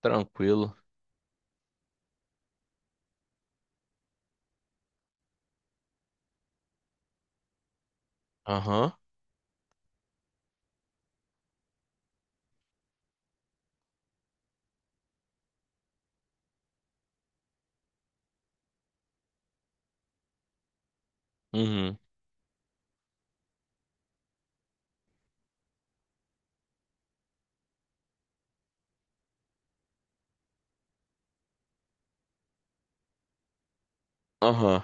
Tranquilo. Aham. Uhum. Aham.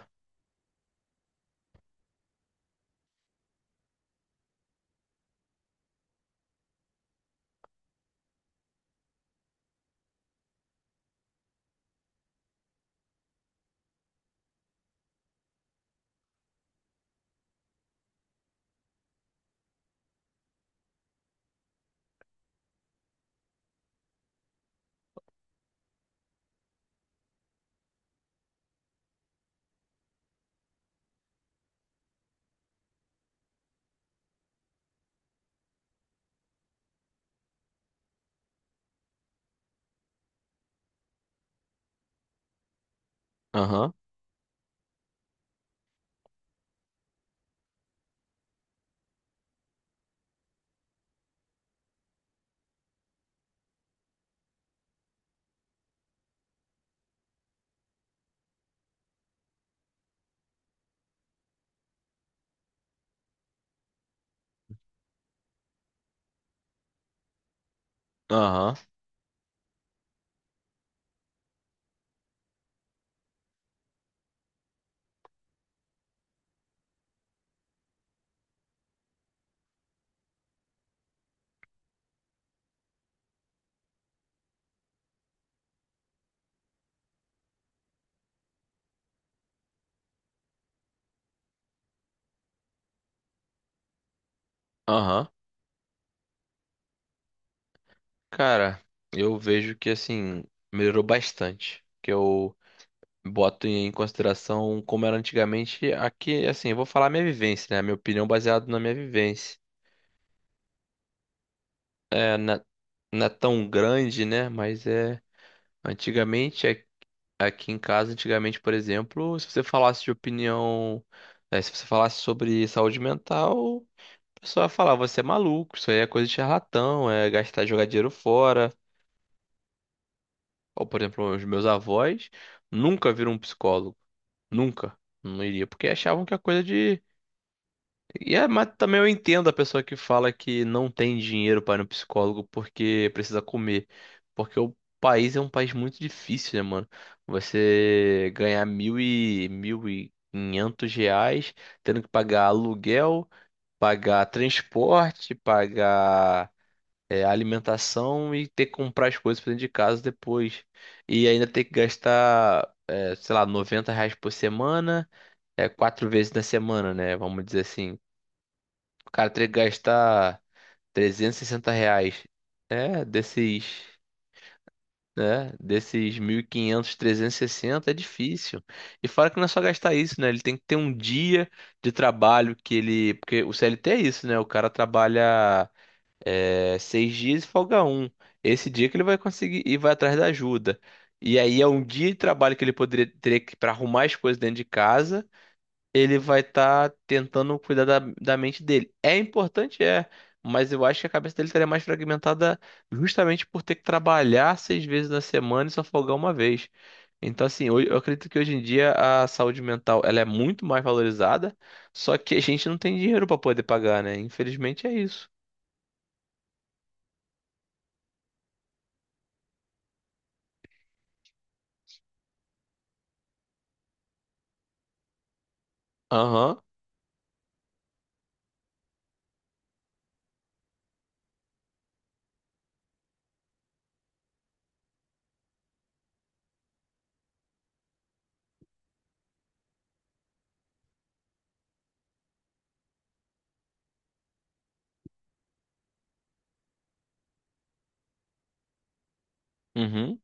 Aham. Aham. Aham. Cara, eu vejo que assim, melhorou bastante. Que eu boto em consideração como era antigamente. Aqui, assim, eu vou falar minha vivência, né? Minha opinião baseada na minha vivência. É, não é tão grande, né? Mas é. Antigamente, aqui em casa, antigamente, por exemplo, se você falasse de opinião, né, se você falasse sobre saúde mental. O pessoal ia falar, você é maluco, isso aí é coisa de charlatão, é gastar, jogar dinheiro fora. Ou, por exemplo, os meus avós nunca viram um psicólogo. Nunca. Não iria, porque achavam que é coisa de. Mas também eu entendo a pessoa que fala que não tem dinheiro para ir no psicólogo porque precisa comer. Porque o país é um país muito difícil, né, mano? Você ganhar mil e mil e quinhentos reais, tendo que pagar aluguel, pagar transporte, pagar a alimentação e ter que comprar as coisas pra dentro de casa depois. E ainda ter que gastar, sei lá, R$ 90 por semana, quatro vezes na semana, né? Vamos dizer assim. O cara teria que gastar R$ 360. É, desses, né? Desses 1.500, 360 é difícil. E fora que não é só gastar isso, né? Ele tem que ter um dia de trabalho que ele. Porque o CLT é isso, né? O cara trabalha. É, seis dias e folga um. Esse dia que ele vai conseguir e vai atrás da ajuda. E aí é um dia de trabalho que ele poderia ter que para arrumar as coisas dentro de casa. Ele vai estar tentando cuidar da mente dele. É importante, mas eu acho que a cabeça dele estaria mais fragmentada justamente por ter que trabalhar seis vezes na semana e só folgar uma vez. Então, assim, eu acredito que hoje em dia a saúde mental ela é muito mais valorizada, só que a gente não tem dinheiro para poder pagar, né? Infelizmente é isso. Aham. Uhum.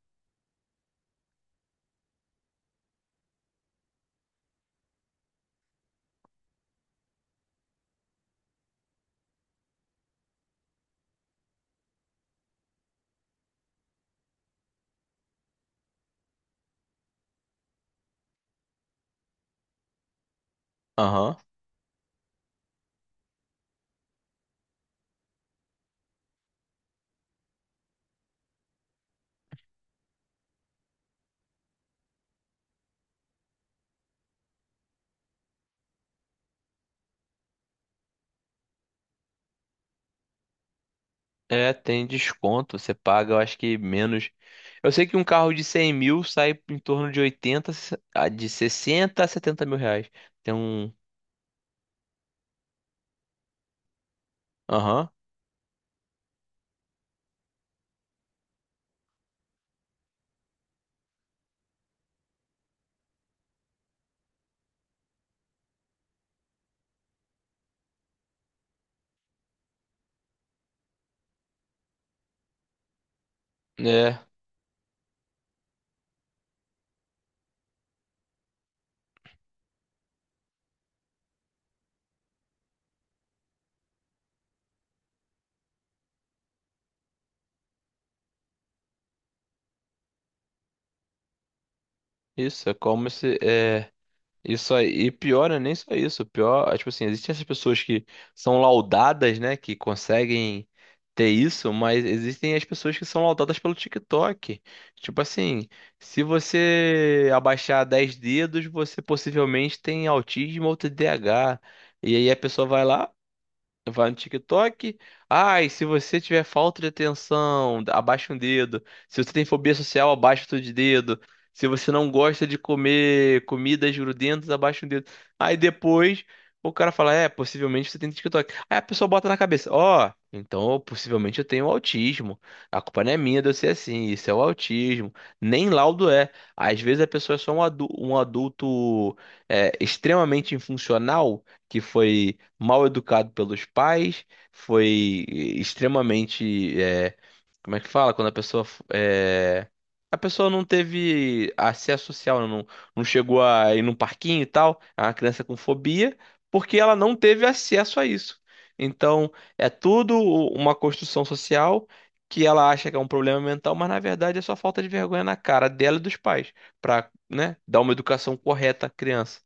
Aham. É, tem desconto. Você paga, eu acho que menos. Eu sei que um carro de 100 mil sai em torno de 80 de 60 a 70 mil reais. Tem um. Aham. É, isso. É como se. Isso aí, e pior não é nem só isso, pior, tipo assim, existem essas pessoas que são laudadas, né, que conseguem ter isso, mas existem as pessoas que são laudadas pelo TikTok. Tipo assim, se você abaixar 10 dedos, você possivelmente tem autismo ou T D A H. E aí a pessoa vai lá. Vai no TikTok. Ai, se você tiver falta de atenção, abaixa um dedo. Se você tem fobia social, abaixa outro de dedo. Se você não gosta de comer comidas grudentas, abaixa um dedo. Aí depois o cara fala: é, possivelmente você tem TikTok. Aí a pessoa bota na cabeça: ó, então possivelmente eu tenho autismo. A culpa não é minha de eu ser assim. Isso é o autismo. Nem laudo é. Às vezes a pessoa é só um adulto extremamente infuncional que foi mal educado pelos pais, foi extremamente, como é que fala? Quando a pessoa, a pessoa não teve acesso social, né? Não, não chegou a ir num parquinho e tal, é uma criança com fobia, porque ela não teve acesso a isso. Então, é tudo uma construção social que ela acha que é um problema mental, mas na verdade é só falta de vergonha na cara dela e dos pais, para, né, dar uma educação correta à criança.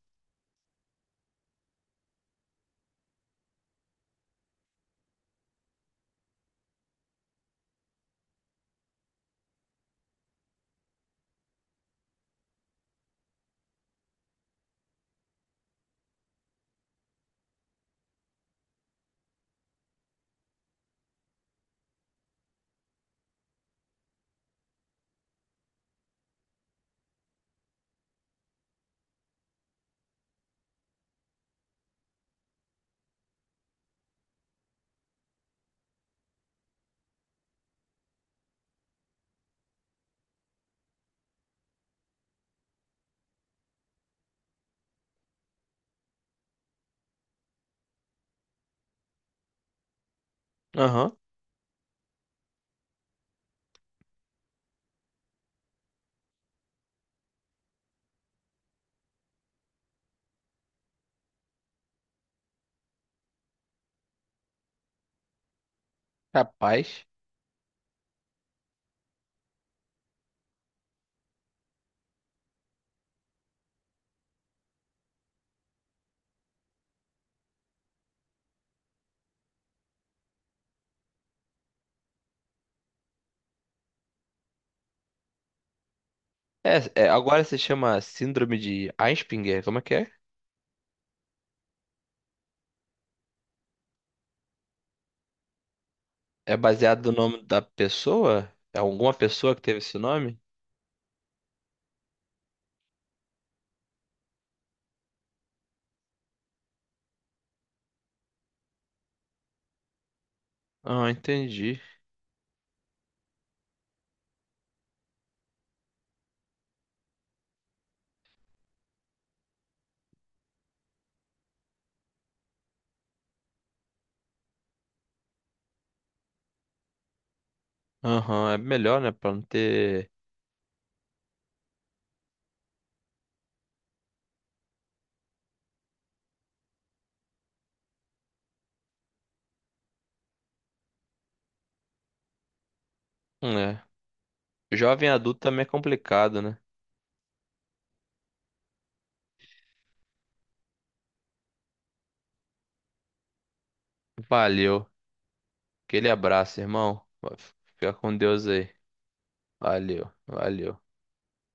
Aham. Rapaz. É, agora se chama Síndrome de Asperger, como é que é? É baseado no nome da pessoa? É alguma pessoa que teve esse nome? Ah, entendi. Aham, é melhor, né, pra não ter... é. Jovem adulto também é complicado, né? Valeu. Aquele abraço, irmão. Fica com Deus aí. Valeu, valeu.